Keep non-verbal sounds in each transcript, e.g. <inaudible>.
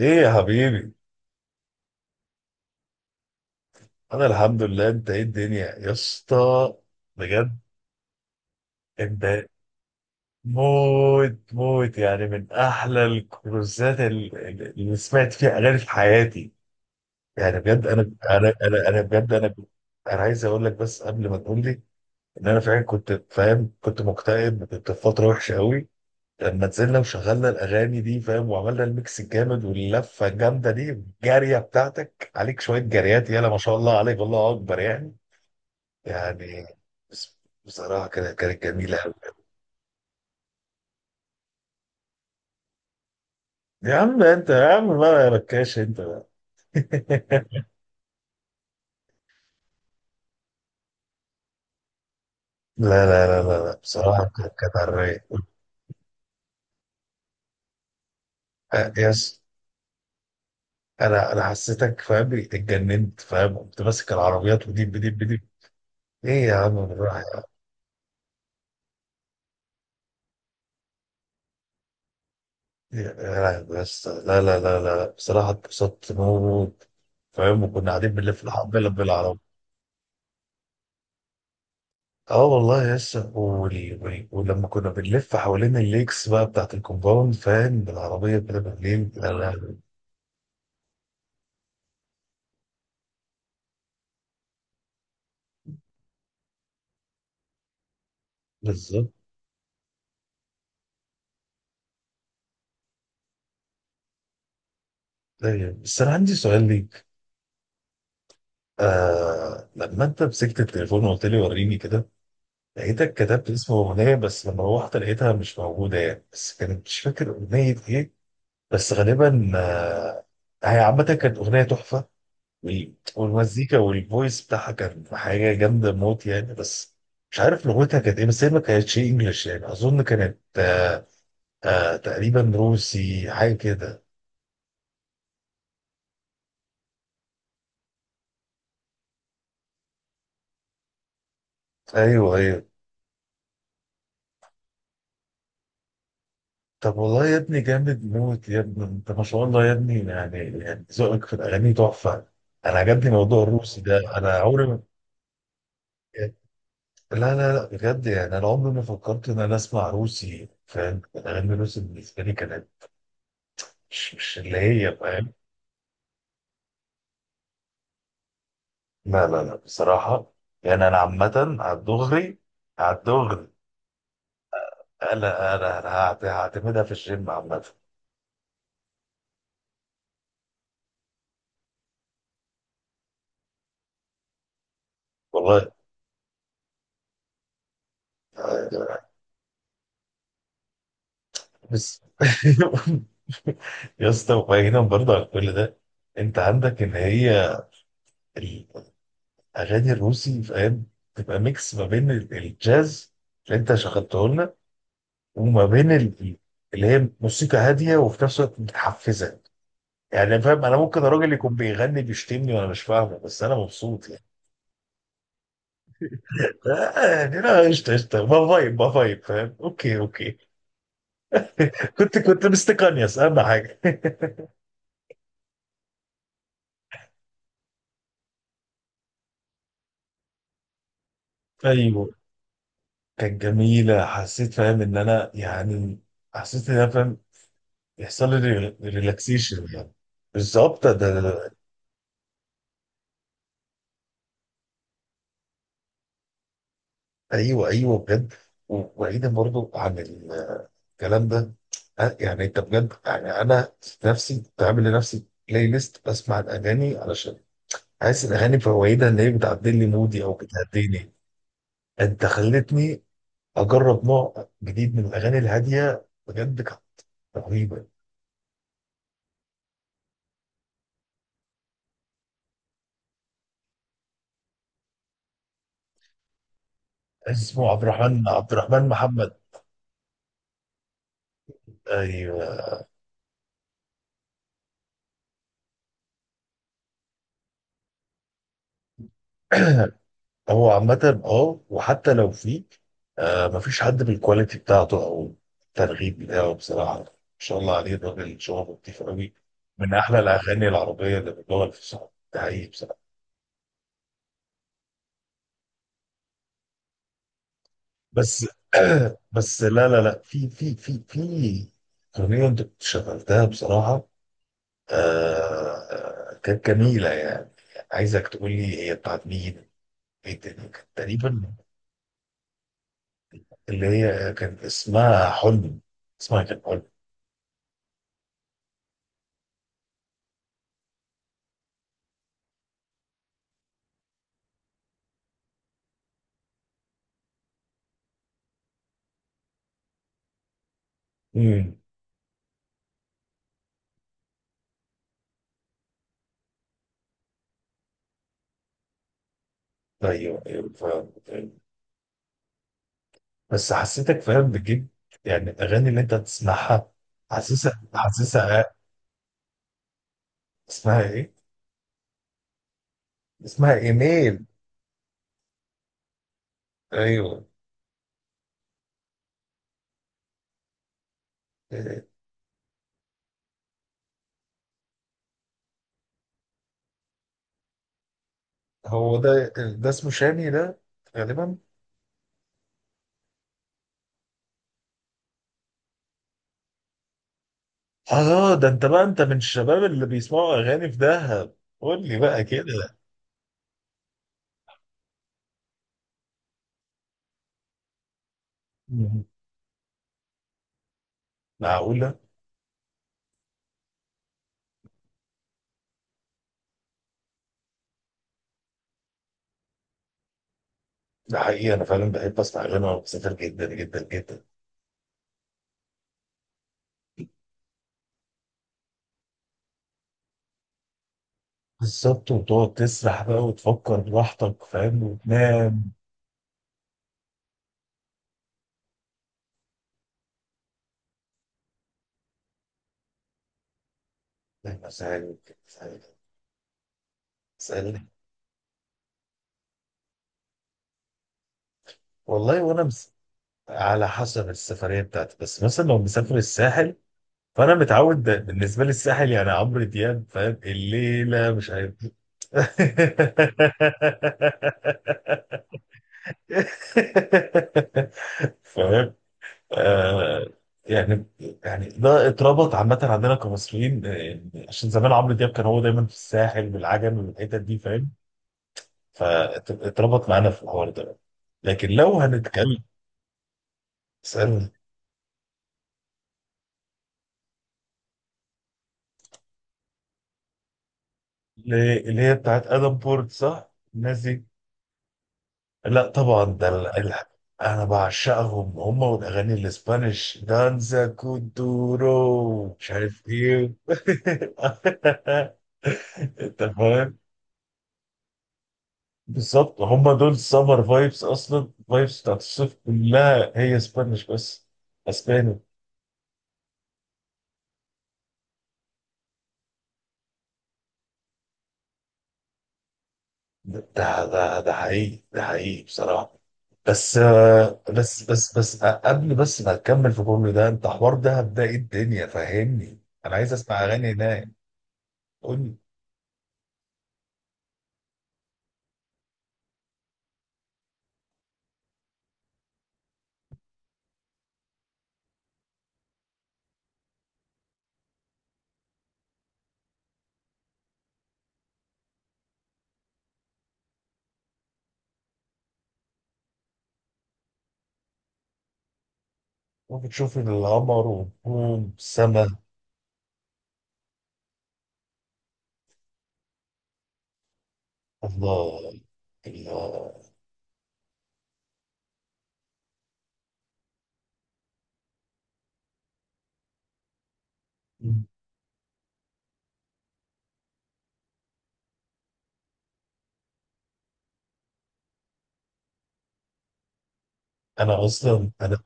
ايه يا حبيبي. انا الحمد لله، انت ايه الدنيا يا اسطى؟ بجد، انت موت موت يعني من احلى الكروزات اللي سمعت فيها اغاني في حياتي. يعني بجد، انا بجد انا. انا عايز اقول لك بس قبل ما تقول لي ان انا فعلا كنت فاهم، كنت مكتئب، كنت في فتره وحشه قوي لما نزلنا وشغلنا الاغاني دي فاهم، وعملنا الميكس الجامد واللفه الجامده دي الجاريه بتاعتك، عليك شويه جاريات، يلا ما شاء الله عليك، الله اكبر يعني. يعني بس- بصراحة كانت جميلة أوي. يا عم انت، يا عم بقى، يا ركاش انت بقى. <laughs> لا، لا، لا، لا، لا. بصراحة كانت على الرايق. آه، يس. أنا حسيتك فاهم، اتجننت فاهم، كنت ماسك العربيات وديب بديب بديب. إيه يا عم، بالراحة يا عم. بس لا لا لا لا بصراحة اتبسطت موت فاهم، وكنا قاعدين بنلف الحبة بالعربية. اه والله يسا ولما كنا بنلف حوالين الليكس بقى بتاعت الكومباوند فاهم، بالعربية كده بالليل، لا لا. بالظبط. ايوه بس انا عندي سؤال ليك. آه لما انت مسكت التليفون وقلت لي وريني كده، لقيتك كتبت اسم اغنية، بس لما روحت لقيتها مش موجودة يعني، بس كانت مش فاكر اغنية ايه. بس غالبا آه، هي عامة كانت اغنية تحفة. والمزيكا والفويس بتاعها كان حاجه جامده موت يعني، بس مش عارف لغتها كانت ايه، بس هي ما كانتش انجلش يعني، اظن كانت آه تقريبا روسي حاجه كده. ايوه ايوه. طب والله يا ابني جامد موت يا ابني، انت ما شاء الله يا ابني، يعني ذوقك في الاغاني تحفه. انا عجبني موضوع الروسي ده، انا عمري ما... لا لا لا بجد يعني انا عمري ما فكرت ان انا اسمع روسي فاهم، الاغاني الروسي بالنسبه لي كانت مش اللي هي فاهم. لا لا لا بصراحة يعني، أنا عامة على الدغري، على الدغري. أنا هعتمدها في الجيم عامة. والله. بس. <laughs> يا اسطى، وبعيدا برضه عن كل ده، أنت عندك إن هي الأغاني الروسي فاهم تبقى ميكس ما بين الجاز اللي أنت شغلته لنا، وما بين اللي هي موسيقى هادية وفي نفس الوقت متحفزة. يعني فاهم، أنا ممكن الراجل يكون بيغني بيشتمني وأنا مش فاهمه، بس أنا مبسوط يعني. عادي، لا، قشطة قشطة، ما فايب ما فايب، فاهم، اوكي اوكي. <laughs> كنت مستقنيس اهم حاجة. <laughs> ايوه كانت جميلة، حسيت فاهم ان انا يعني، حسيت ان انا فاهم يحصل لي ريلاكسيشن يعني. بالظبط. ايوه ايوه بجد. وبعيدا برضو عن الكلام ده، يعني انت بجد يعني، انا نفسي بعمل لنفسي بلاي ليست بسمع الاغاني علشان حاسس الاغاني فوائدها ان هي بتعدل لي مودي او بتهديني. انت خلتني اجرب نوع جديد من الاغاني الهاديه، بجد كانت رهيبه. اسمه عبد الرحمن محمد. ايوه. <clears throat> هو عامه اه وحتى لو في، آه مفيش حد بالكواليتي بتاعته او الترغيب بتاعه بصراحه، ما شاء الله عليه الراجل، شغله لطيف قوي، من احلى الاغاني العربيه اللي بتدور في الصحف، ده حقيقي بصراحه. بس <clears throat> لا لا لا، في اغنيه انت كنت شغلتها بصراحه، آه كانت جميلة يعني. عايزك تقول لي هي بتاعت مين، ايه الدنيا كانت تقريبا، اللي هي كان اسمها حلم، اسمها كان حلم. امم. ايوه ايوه، فاهم فاهم. بس حسيتك فاهم بتجيب يعني الاغاني اللي انت بتسمعها، حاسسها حاسسها. اسمها ايه؟ اسمها ايميل. ايوه. إيه، هو ده اسمه شامي ده غالبا. اه، ده انت بقى، انت من الشباب اللي بيسمعوا اغاني في دهب، قول لي بقى كده. معقولة؟ ده حقيقي، أنا فعلا بحب أسمع أغاني وأنا بسافر، جدا جدا جدا. بالظبط، وتقعد تسرح بقى وتفكر براحتك فاهم، وتنام. مسائل. مسائل. والله وأنا مس... على حسب السفرية بتاعتي، بس مثلا لو مسافر الساحل، فأنا متعود ده بالنسبة لي، الساحل يعني عمرو دياب فاهم، الليلة مش عارف. <laughs> <laughs> فاهم. آه يعني، يعني ده اتربط عامة عندنا كمصريين، آه، يعني عشان زمان عمرو دياب كان هو دايما في الساحل والعجمي والحتت دي فاهم، فاتربط معانا في الحوار ده. لكن لو هنتكلم، اسألني. اللي هي بتاعت ادم بورت صح، الناس دي. لا طبعا، ده انا بعشقهم هم، والاغاني الاسبانيش دانزا كودورو مش عارف ايه. <laughs> انت فاهم. بالظبط، هم دول سمر فايبس اصلا، فايبس بتاعت الصيف كلها هي اسبانيش بس، اسباني. ده حقيقي، ده حقيقي بصراحه. بس قبل بس ما تكمل في كل ده، انت حوار دهب ده ايه الدنيا، فهمني، انا عايز اسمع اغاني هناك. قول لي. ممكن تشوف القمر والنجوم السما. الله. الله. انا اصلا انا.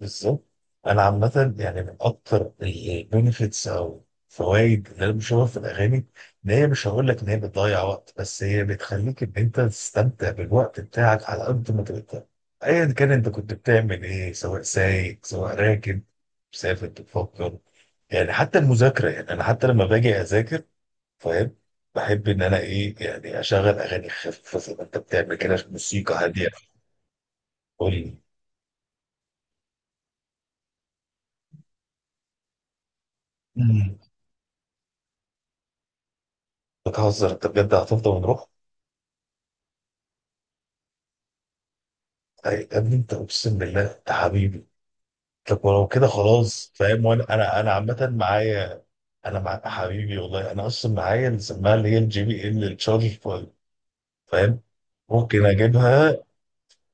بالظبط. انا عامه يعني من اكتر البنفيتس او فوائد اللي انا بشوفها في الاغاني، ان هي مش هقول لك ان هي بتضيع وقت، بس هي بتخليك ان انت تستمتع بالوقت بتاعك على قد ما تقدر، ايا كان انت كنت بتعمل ايه، سواء سايق سواء راكب مسافر بتفكر. يعني حتى المذاكره، يعني انا حتى لما باجي اذاكر فاهم، بحب ان انا ايه يعني، اشغل اغاني خفيفه زي ما انت بتعمل كده، موسيقى هاديه. قول لي. بتهزر انت بجد، هتفضل ونروح؟ يا ابني انت، اقسم بالله انت حبيبي. طب ولو كده خلاص فاهم، وانا انا عامه معايا. انا مع حبيبي والله، انا اصلا معايا اللي سماها اللي هي الـJBL التشارج بوينت فاهم. ممكن اجيبها.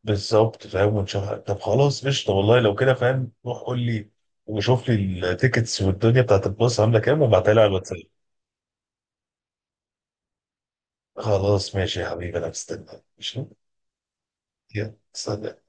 بالظبط فاهم، ونشوفها. طب خلاص قشطه والله، لو كده فاهم، روح قول لي وشوف لي التيكتس والدنيا بتاعت الباص عامله كام، وابعتها لي على الواتساب. خلاص ماشي يا حبيبي، انا مستني. ماشي. يلا سلام.